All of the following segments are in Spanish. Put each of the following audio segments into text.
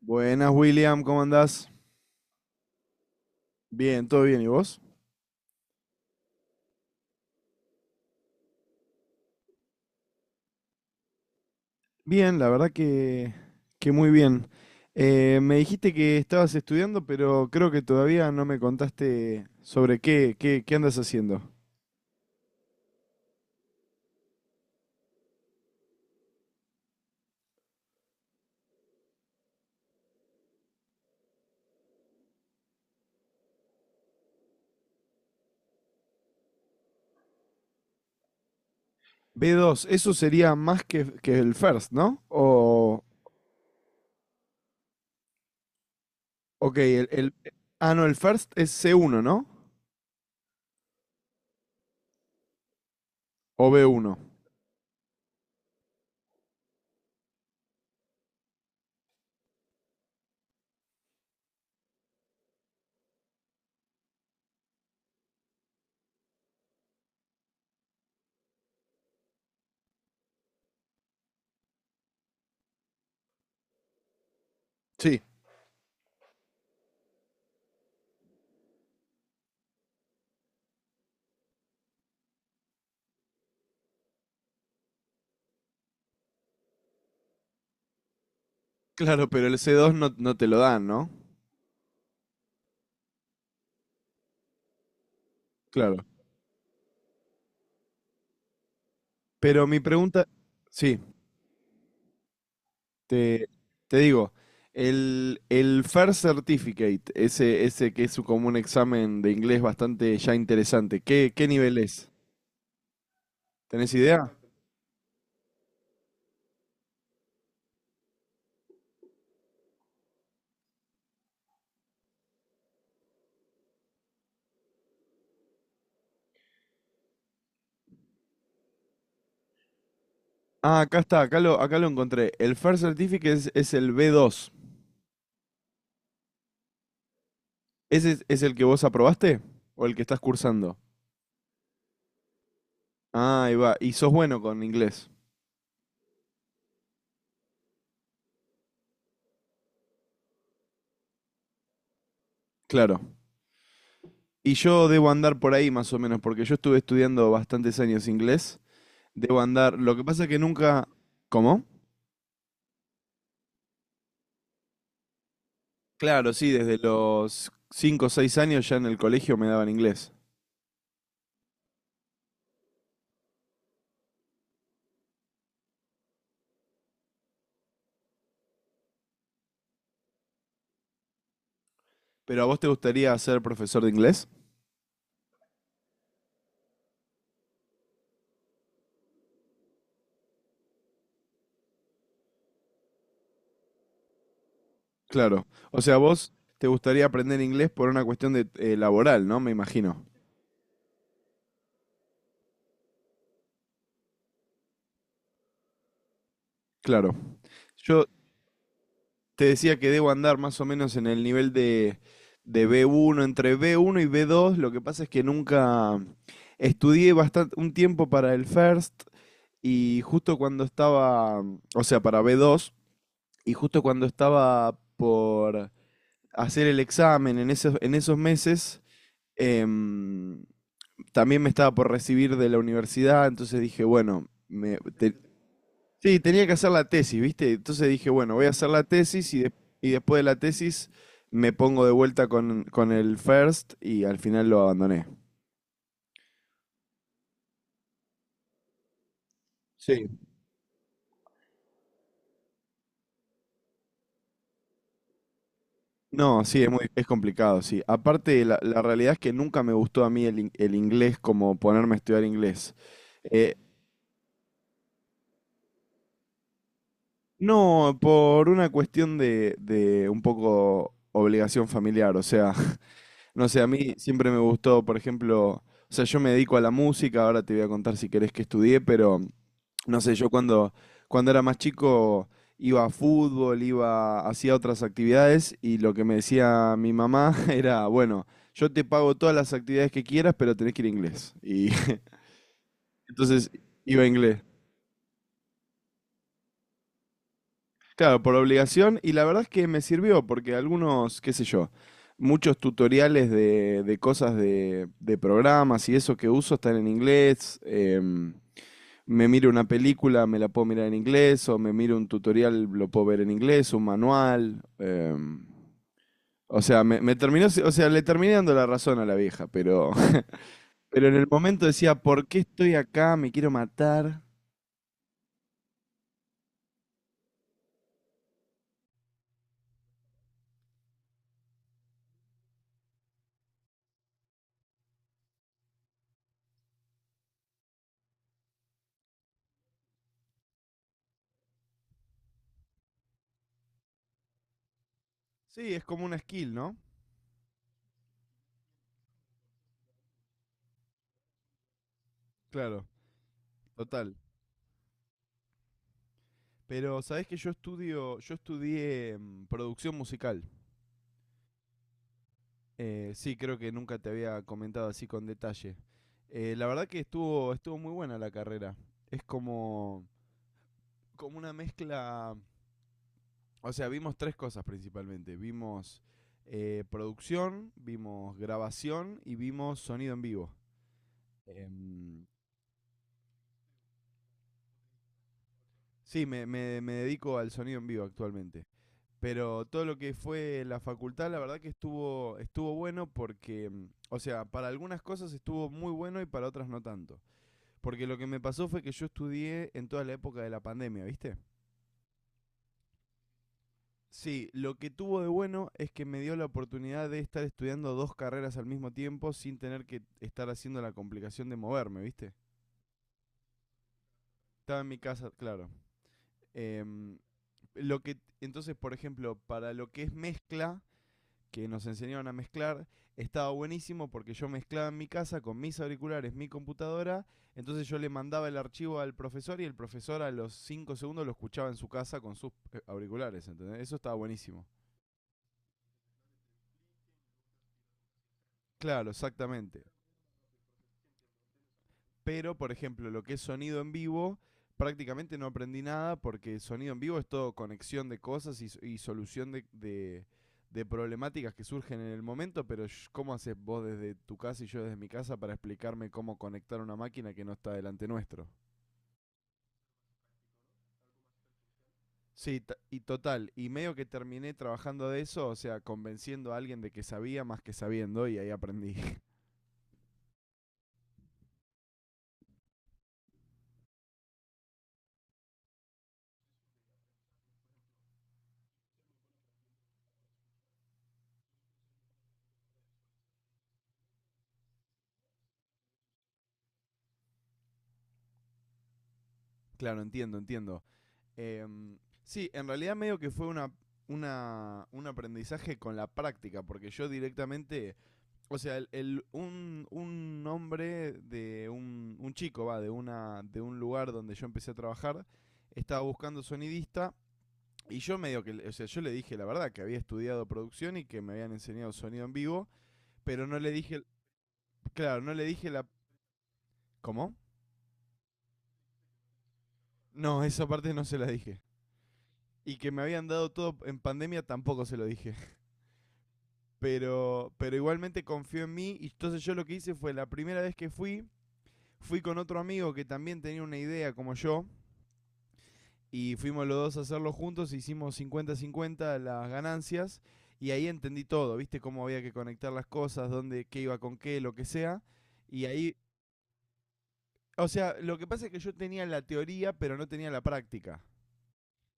Buenas, William, ¿cómo andás? Bien, todo bien, ¿y vos? Bien, la verdad que muy bien. Me dijiste que estabas estudiando, pero creo que todavía no me contaste sobre qué andas haciendo. B dos, eso sería más que el first, ¿no? O, ok, ah, no, el first es c uno, ¿no? O b uno. Sí, claro, pero el c dos no, no te lo dan, ¿no? Claro. Pero mi pregunta, sí. Te, te digo, el FAIR Certificate, ese que es como un examen de inglés bastante ya interesante, ¿qué, qué nivel es? ¿Tenés idea? Ah, acá está, acá lo encontré. El FAIR Certificate es el b dos. ¿Ese es el que vos aprobaste? ¿O el que estás cursando? Ah, ahí va. Y sos bueno con inglés. Claro. Y yo debo andar por ahí más o menos, porque yo estuve estudiando bastantes años inglés. Debo andar. Lo que pasa es que nunca. ¿Cómo? Claro, sí, desde los 5, o 6 años ya en el colegio me daban inglés. ¿Pero a vos te gustaría ser profesor de inglés? Claro. O sea, vos te gustaría aprender inglés por una cuestión de laboral, ¿no? Me imagino. Claro. Yo te decía que debo andar más o menos en el nivel de b uno entre b uno y b dos. Lo que pasa es que nunca estudié bastante un tiempo para el First y justo cuando estaba, o sea, para b dos y justo cuando estaba por hacer el examen en esos meses. em, también me estaba por recibir de la universidad, entonces dije, bueno, sí, tenía que hacer la tesis, ¿viste? Entonces dije, bueno, voy a hacer la tesis y después de la tesis me pongo de vuelta con el first y al final lo abandoné. Sí. No, sí, es complicado, sí. Aparte, la realidad es que nunca me gustó a mí el inglés como ponerme a estudiar inglés. Eh, No, por una cuestión de un poco obligación familiar, o sea, no sé, a mí siempre me gustó, por ejemplo, o sea, yo me dedico a la música, ahora te voy a contar si querés que estudié, pero no sé, yo cuando era más chico iba a fútbol, iba, hacía otras actividades y lo que me decía mi mamá era, bueno, yo te pago todas las actividades que quieras, pero tenés que ir a inglés. Y entonces iba a inglés. Claro, por obligación, y la verdad es que me sirvió, porque algunos, qué sé yo, muchos tutoriales de cosas de programas y eso que uso están en inglés. Me miro una película, me la puedo mirar en inglés, o me miro un tutorial, lo puedo ver en inglés, un manual. O sea, me terminó, o sea, le terminé dando la razón a la vieja, pero, pero en el momento decía, ¿por qué estoy acá? Me quiero matar. Sí, es como una skill, ¿no? Claro, total. Pero sabés que yo estudié producción musical. Sí, creo que nunca te había comentado así con detalle. La verdad que estuvo muy buena la carrera. Es como una mezcla. O sea, vimos tres cosas principalmente. Vimos producción, vimos grabación y vimos sonido en vivo. Em, sí, me dedico al sonido en vivo actualmente. Pero todo lo que fue la facultad, la verdad que estuvo bueno porque, o sea, para algunas cosas estuvo muy bueno y para otras no tanto. Porque lo que me pasó fue que yo estudié en toda la época de la pandemia, ¿viste? Sí, lo que tuvo de bueno es que me dio la oportunidad de estar estudiando dos carreras al mismo tiempo sin tener que estar haciendo la complicación de moverme, ¿viste? Estaba en mi casa, claro. Em, entonces, por ejemplo, para lo que es mezcla, que nos enseñaron a mezclar, estaba buenísimo porque yo mezclaba en mi casa con mis auriculares, mi computadora, entonces yo le mandaba el archivo al profesor y el profesor a los 5 segundos lo escuchaba en su casa con sus auriculares, ¿entendés? Eso estaba buenísimo. Claro, exactamente. Pero, por ejemplo, lo que es sonido en vivo, prácticamente no aprendí nada porque sonido en vivo es todo conexión de cosas y solución de problemáticas que surgen en el momento, pero ¿cómo haces vos desde tu casa y yo desde mi casa para explicarme cómo conectar una máquina que no está delante nuestro? Sí, y total, y medio que terminé trabajando de eso, o sea, convenciendo a alguien de que sabía más que sabiendo y ahí aprendí. Claro, entiendo, entiendo. Em, sí, en realidad medio que fue un aprendizaje con la práctica, porque yo directamente, o sea, un hombre de un chico, va, de un lugar donde yo empecé a trabajar, estaba buscando sonidista. Y yo medio que, o sea, yo le dije la verdad que había estudiado producción y que me habían enseñado sonido en vivo, pero no le dije, claro, no le dije la. ¿Cómo? No, esa parte no se la dije. Y que me habían dado todo en pandemia tampoco se lo dije. Pero igualmente confió en mí. Y entonces yo lo que hice fue la primera vez que fui con otro amigo que también tenía una idea como yo. Y fuimos los dos a hacerlo juntos, hicimos 50/50 las ganancias. Y ahí entendí todo, viste cómo había que conectar las cosas, dónde, qué iba con qué, lo que sea. Y ahí, o sea, lo que pasa es que yo tenía la teoría, pero no tenía la práctica.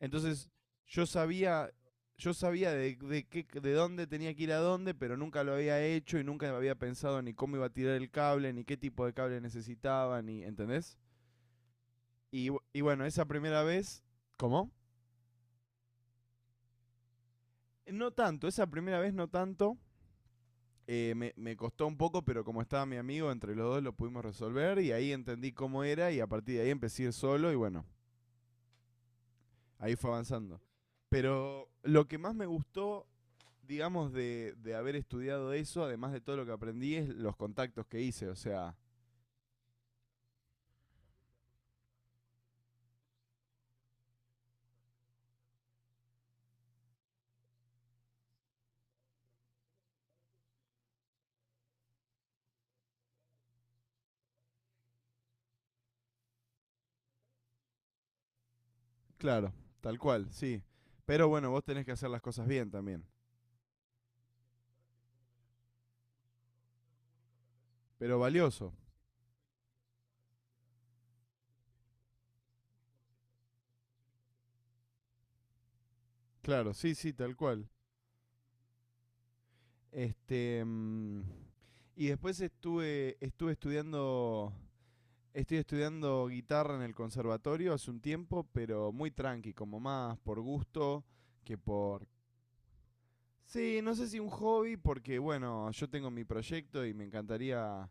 Entonces, yo sabía, yo sabía de dónde tenía que ir a dónde, pero nunca lo había hecho y nunca había pensado ni cómo iba a tirar el cable, ni qué tipo de cable necesitaba, ni, ¿entendés? Y bueno, esa primera vez. ¿Cómo? No tanto, esa primera vez no tanto. Me costó un poco, pero como estaba mi amigo, entre los dos lo pudimos resolver y ahí entendí cómo era y a partir de ahí empecé a ir solo y bueno, ahí fue avanzando. Pero lo que más me gustó, digamos, de haber estudiado eso, además de todo lo que aprendí, es los contactos que hice. O sea, claro, tal cual, sí. Pero bueno, vos tenés que hacer las cosas bien también. Pero valioso, claro, sí, sí, tal cual. Este. Y después estuve estudiando. Estoy estudiando guitarra en el conservatorio hace un tiempo, pero muy tranqui, como más por gusto que por. Sí, no sé si un hobby, porque bueno, yo tengo mi proyecto y me encantaría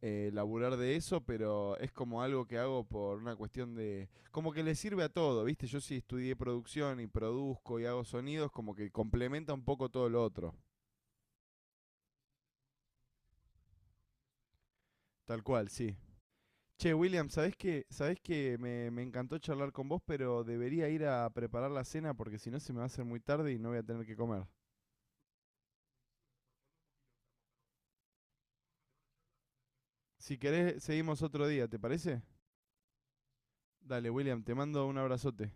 laburar de eso, pero es como algo que hago por una cuestión de. Como que le sirve a todo, ¿viste? Yo sí estudié producción y produzco y hago sonidos, como que complementa un poco todo lo otro. Tal cual, sí. Che, William, ¿ sabés que me encantó charlar con vos, pero debería ir a preparar la cena porque si no se me va a hacer muy tarde y no voy a tener que comer. Si querés, seguimos otro día, ¿te parece? Dale, William, te mando un abrazote.